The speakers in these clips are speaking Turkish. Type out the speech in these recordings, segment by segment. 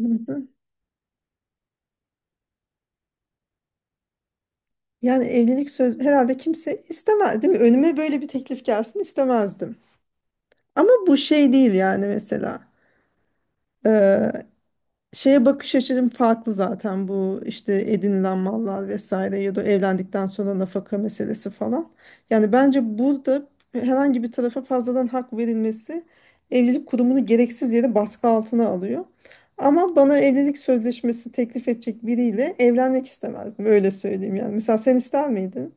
Hı hı. Yani evlilik söz herhalde kimse istemez değil mi? Önüme böyle bir teklif gelsin istemezdim. Ama bu şey değil yani mesela. Ee, Şeye bakış açım farklı zaten bu işte edinilen mallar vesaire ya da evlendikten sonra nafaka meselesi falan. Yani bence burada herhangi bir tarafa fazladan hak verilmesi evlilik kurumunu gereksiz yere baskı altına alıyor. Ama bana evlilik sözleşmesi teklif edecek biriyle evlenmek istemezdim öyle söyleyeyim yani. Mesela sen ister miydin?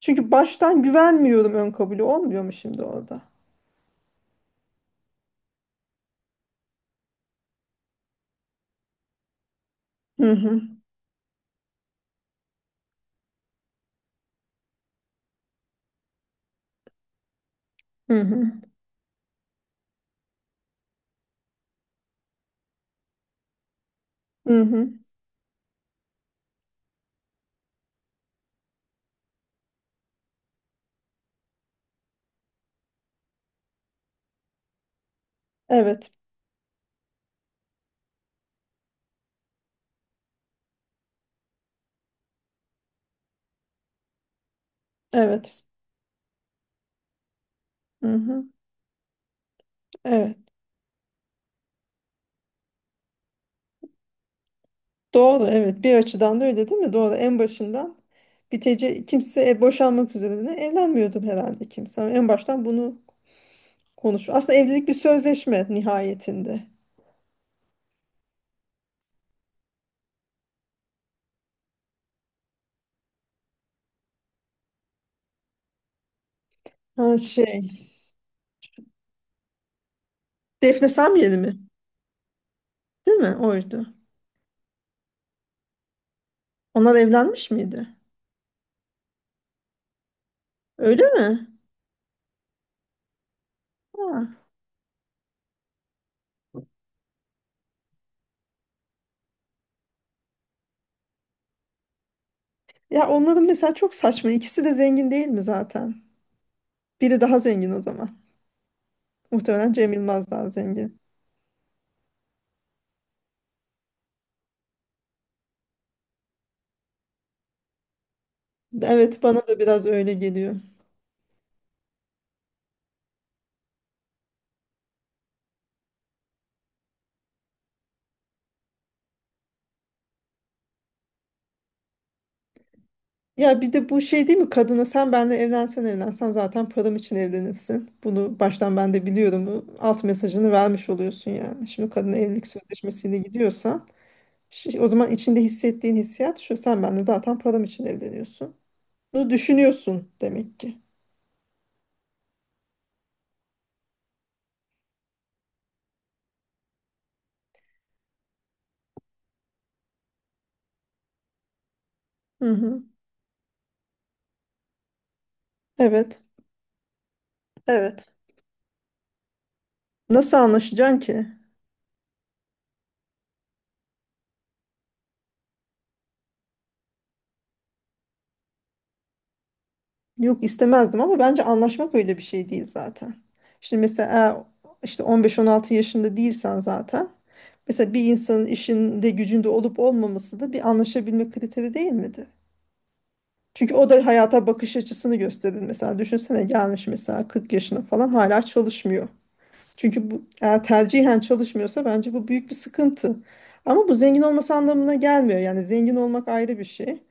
Çünkü baştan güvenmiyorum, ön kabulü olmuyor mu şimdi orada? Hı hı. Hı hı. Hı hı. Evet. Evet. Hı hı. Evet. Doğru evet, bir açıdan da öyle değil mi? Doğru, en başından bitece kimse boşanmak üzerine evlenmiyordun herhalde kimse. Ama en baştan bunu konuş. Aslında evlilik bir sözleşme nihayetinde. Ha şey, Defne Samyeli mi? Değil mi? Oydu. Onlar evlenmiş miydi? Öyle mi? Ha. Ya onların mesela çok saçma. İkisi de zengin değil mi zaten? Biri daha zengin o zaman. Muhtemelen Cem Yılmaz daha zengin. Evet, bana da biraz öyle geliyor. Ya bir de bu şey değil mi? Kadına, sen benle evlensen evlensen zaten param için evlenirsin. Bunu baştan ben de biliyorum. Bu alt mesajını vermiş oluyorsun yani. Şimdi kadına evlilik sözleşmesiyle gidiyorsan şi- o zaman içinde hissettiğin hissiyat şu: sen benle zaten param için evleniyorsun. Bunu düşünüyorsun demek ki. Hı hı. Evet. Evet. Nasıl anlaşacaksın ki? Yok, istemezdim ama bence anlaşmak öyle bir şey değil zaten. Şimdi mesela eğer işte 15-16 yaşında değilsen zaten mesela bir insanın işinde gücünde olup olmaması da bir anlaşabilme kriteri değil miydi? Çünkü o da hayata bakış açısını gösterir. Mesela düşünsene, gelmiş mesela 40 yaşına falan hala çalışmıyor. Çünkü bu eğer tercihen çalışmıyorsa bence bu büyük bir sıkıntı. Ama bu zengin olması anlamına gelmiyor. Yani zengin olmak ayrı bir şey.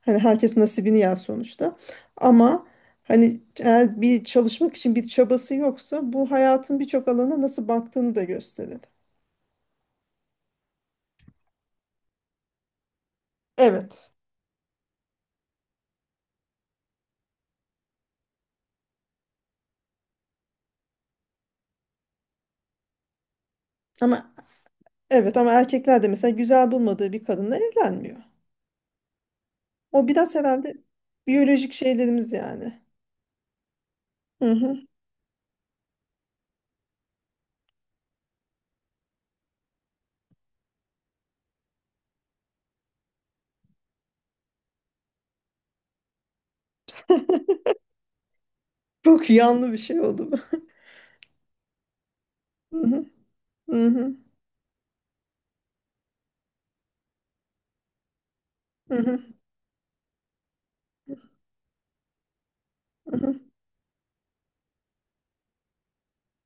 Hani herkes nasibini yer sonuçta. Ama hani eğer bir çalışmak için bir çabası yoksa bu hayatın birçok alana nasıl baktığını da gösterir. Evet. Ama evet, ama erkekler de mesela güzel bulmadığı bir kadınla evlenmiyor. O biraz herhalde biyolojik şeylerimiz yani. Hı hı. Çok yanlı bir şey oldu bu. Hı hı. Hı hı. Hı hı. Hı hı.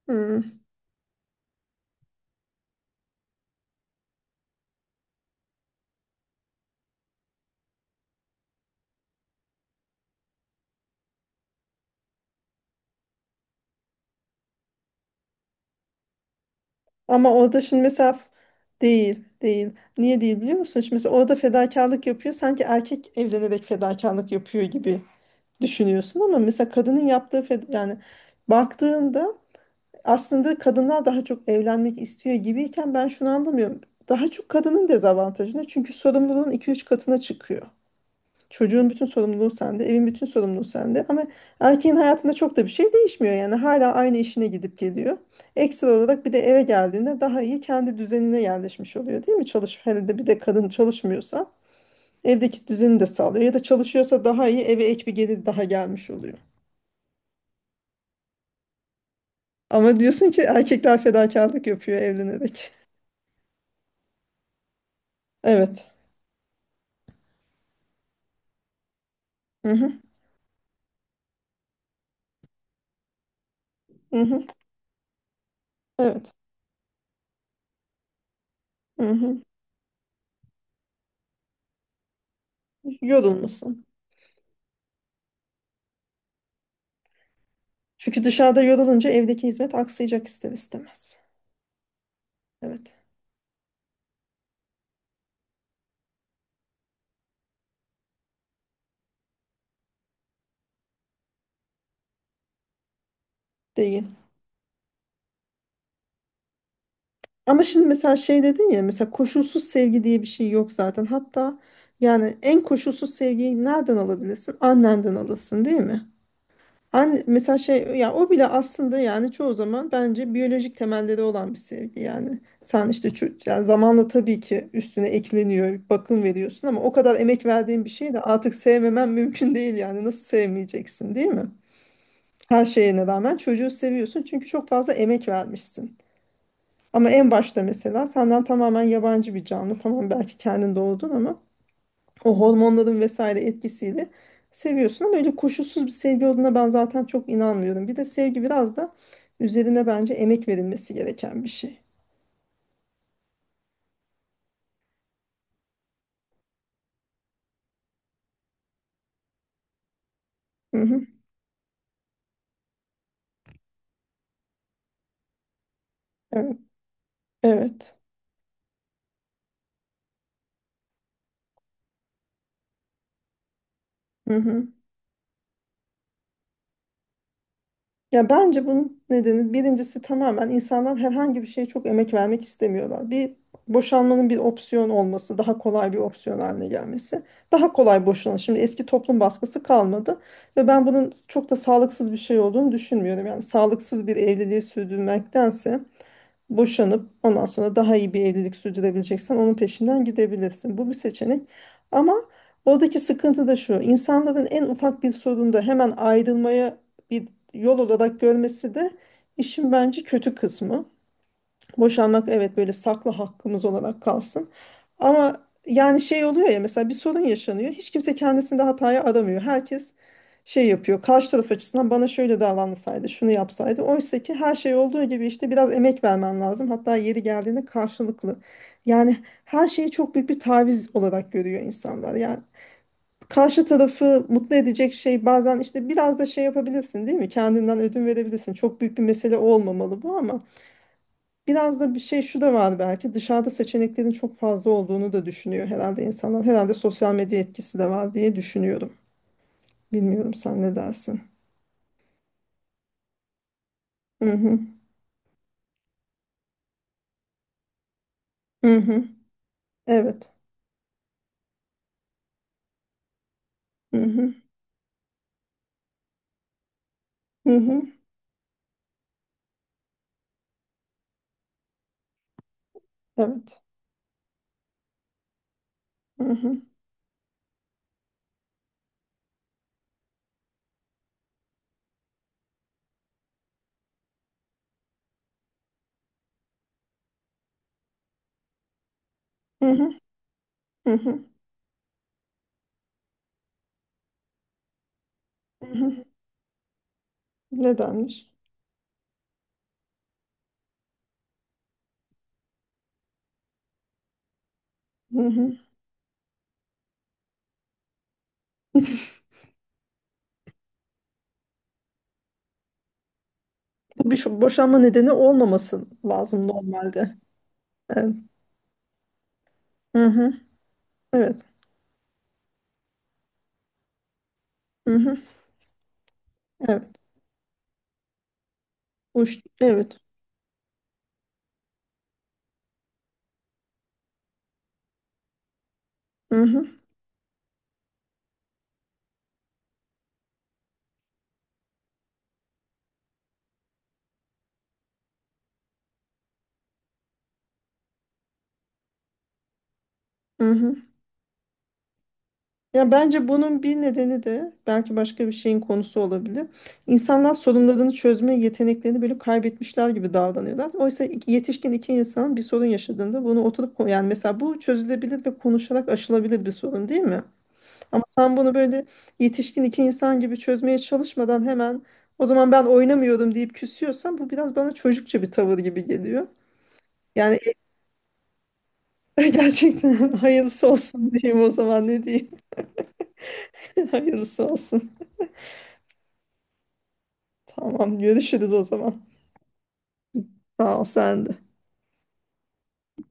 Hı. Ama orada şimdi mesela değil, değil. Niye değil biliyor musun? Şimdi mesela orada fedakarlık yapıyor. Sanki erkek evlenerek fedakarlık yapıyor gibi düşünüyorsun ama mesela kadının yaptığı feda, yani baktığında aslında kadınlar daha çok evlenmek istiyor gibiyken ben şunu anlamıyorum. Daha çok kadının dezavantajına çünkü sorumluluğun iki üç katına çıkıyor. Çocuğun bütün sorumluluğu sende, evin bütün sorumluluğu sende. Ama erkeğin hayatında çok da bir şey değişmiyor yani. Hala aynı işine gidip geliyor. Ekstra olarak bir de eve geldiğinde daha iyi kendi düzenine yerleşmiş oluyor değil mi? Çalış, hele de bir de kadın çalışmıyorsa evdeki düzeni de sağlıyor. Ya da çalışıyorsa daha iyi, eve ek bir gelir daha gelmiş oluyor. Ama diyorsun ki erkekler fedakarlık yapıyor evlenerek. Evet. Hı hı, hı hı, evet. Hı hı. Yorulmasın. Çünkü dışarıda yorulunca evdeki hizmet aksayacak ister istemez. Evet. Değil. Ama şimdi mesela şey dedin ya, mesela koşulsuz sevgi diye bir şey yok zaten. Hatta yani en koşulsuz sevgiyi nereden alabilirsin? Annenden alırsın değil mi? Anne, mesela şey, ya o bile aslında yani çoğu zaman bence biyolojik temelleri olan bir sevgi yani. Sen işte ço- yani zamanla tabii ki üstüne ekleniyor, bakım veriyorsun ama o kadar emek verdiğin bir şeyi de artık sevmemen mümkün değil yani. Nasıl sevmeyeceksin değil mi? Her şeyine rağmen çocuğu seviyorsun çünkü çok fazla emek vermişsin. Ama en başta mesela senden tamamen yabancı bir canlı. Tamam, belki kendin doğdun ama o hormonların vesaire etkisiyle seviyorsun ama öyle koşulsuz bir sevgi olduğuna ben zaten çok inanmıyorum. Bir de sevgi biraz da üzerine bence emek verilmesi gereken bir şey. Hı hı. Evet. Evet. Hı hı. Ya bence bunun nedeni birincisi tamamen insanlar herhangi bir şeye çok emek vermek istemiyorlar. Bir boşanmanın bir opsiyon olması, daha kolay bir opsiyon haline gelmesi. Daha kolay boşanan. Şimdi eski toplum baskısı kalmadı ve ben bunun çok da sağlıksız bir şey olduğunu düşünmüyorum. Yani sağlıksız bir evliliği sürdürmektense boşanıp ondan sonra daha iyi bir evlilik sürdürebileceksen onun peşinden gidebilirsin. Bu bir seçenek. Ama oradaki sıkıntı da şu: insanların en ufak bir sorunda hemen ayrılmaya bir yol olarak görmesi de işin bence kötü kısmı. Boşanmak evet, böyle saklı hakkımız olarak kalsın. Ama yani şey oluyor ya, mesela bir sorun yaşanıyor. Hiç kimse kendisinde hataya aramıyor. Herkes şey yapıyor. Karşı taraf açısından, bana şöyle davranılsaydı, şunu yapsaydı. Oysa ki her şey olduğu gibi işte biraz emek vermen lazım. Hatta yeri geldiğinde karşılıklı. Yani her şeyi çok büyük bir taviz olarak görüyor insanlar. Yani karşı tarafı mutlu edecek şey, bazen işte biraz da şey yapabilirsin değil mi? Kendinden ödün verebilirsin. Çok büyük bir mesele olmamalı bu ama biraz da bir şey, şu da var belki, dışarıda seçeneklerin çok fazla olduğunu da düşünüyor herhalde insanlar. Herhalde sosyal medya etkisi de var diye düşünüyorum. Bilmiyorum, sen ne dersin? Hı hı. Hı hı. Evet. Hı hı. Hı hı. Evet. Hı hı. Hı hı. Hı hı. Hı hı. Nedenmiş? Hı hı. Bu bir şu- boşanma nedeni olmaması lazım normalde. Evet. Hı hı. Evet. Hı hı. Evet. Uç- Evet. Hı hı. Hı hı. Ya bence bunun bir nedeni de belki başka bir şeyin konusu olabilir. İnsanlar sorunlarını çözme yeteneklerini böyle kaybetmişler gibi davranıyorlar. Oysa iki- yetişkin iki insan bir sorun yaşadığında bunu oturup ko- yani mesela bu çözülebilir ve konuşarak aşılabilir bir sorun değil mi? Ama sen bunu böyle yetişkin iki insan gibi çözmeye çalışmadan hemen o zaman ben oynamıyorum deyip küsüyorsan bu biraz bana çocukça bir tavır gibi geliyor. Yani gerçekten hayırlısı olsun diyeyim, o zaman ne diyeyim? Hayırlısı olsun. Tamam, görüşürüz o zaman. Sağ ol sen de.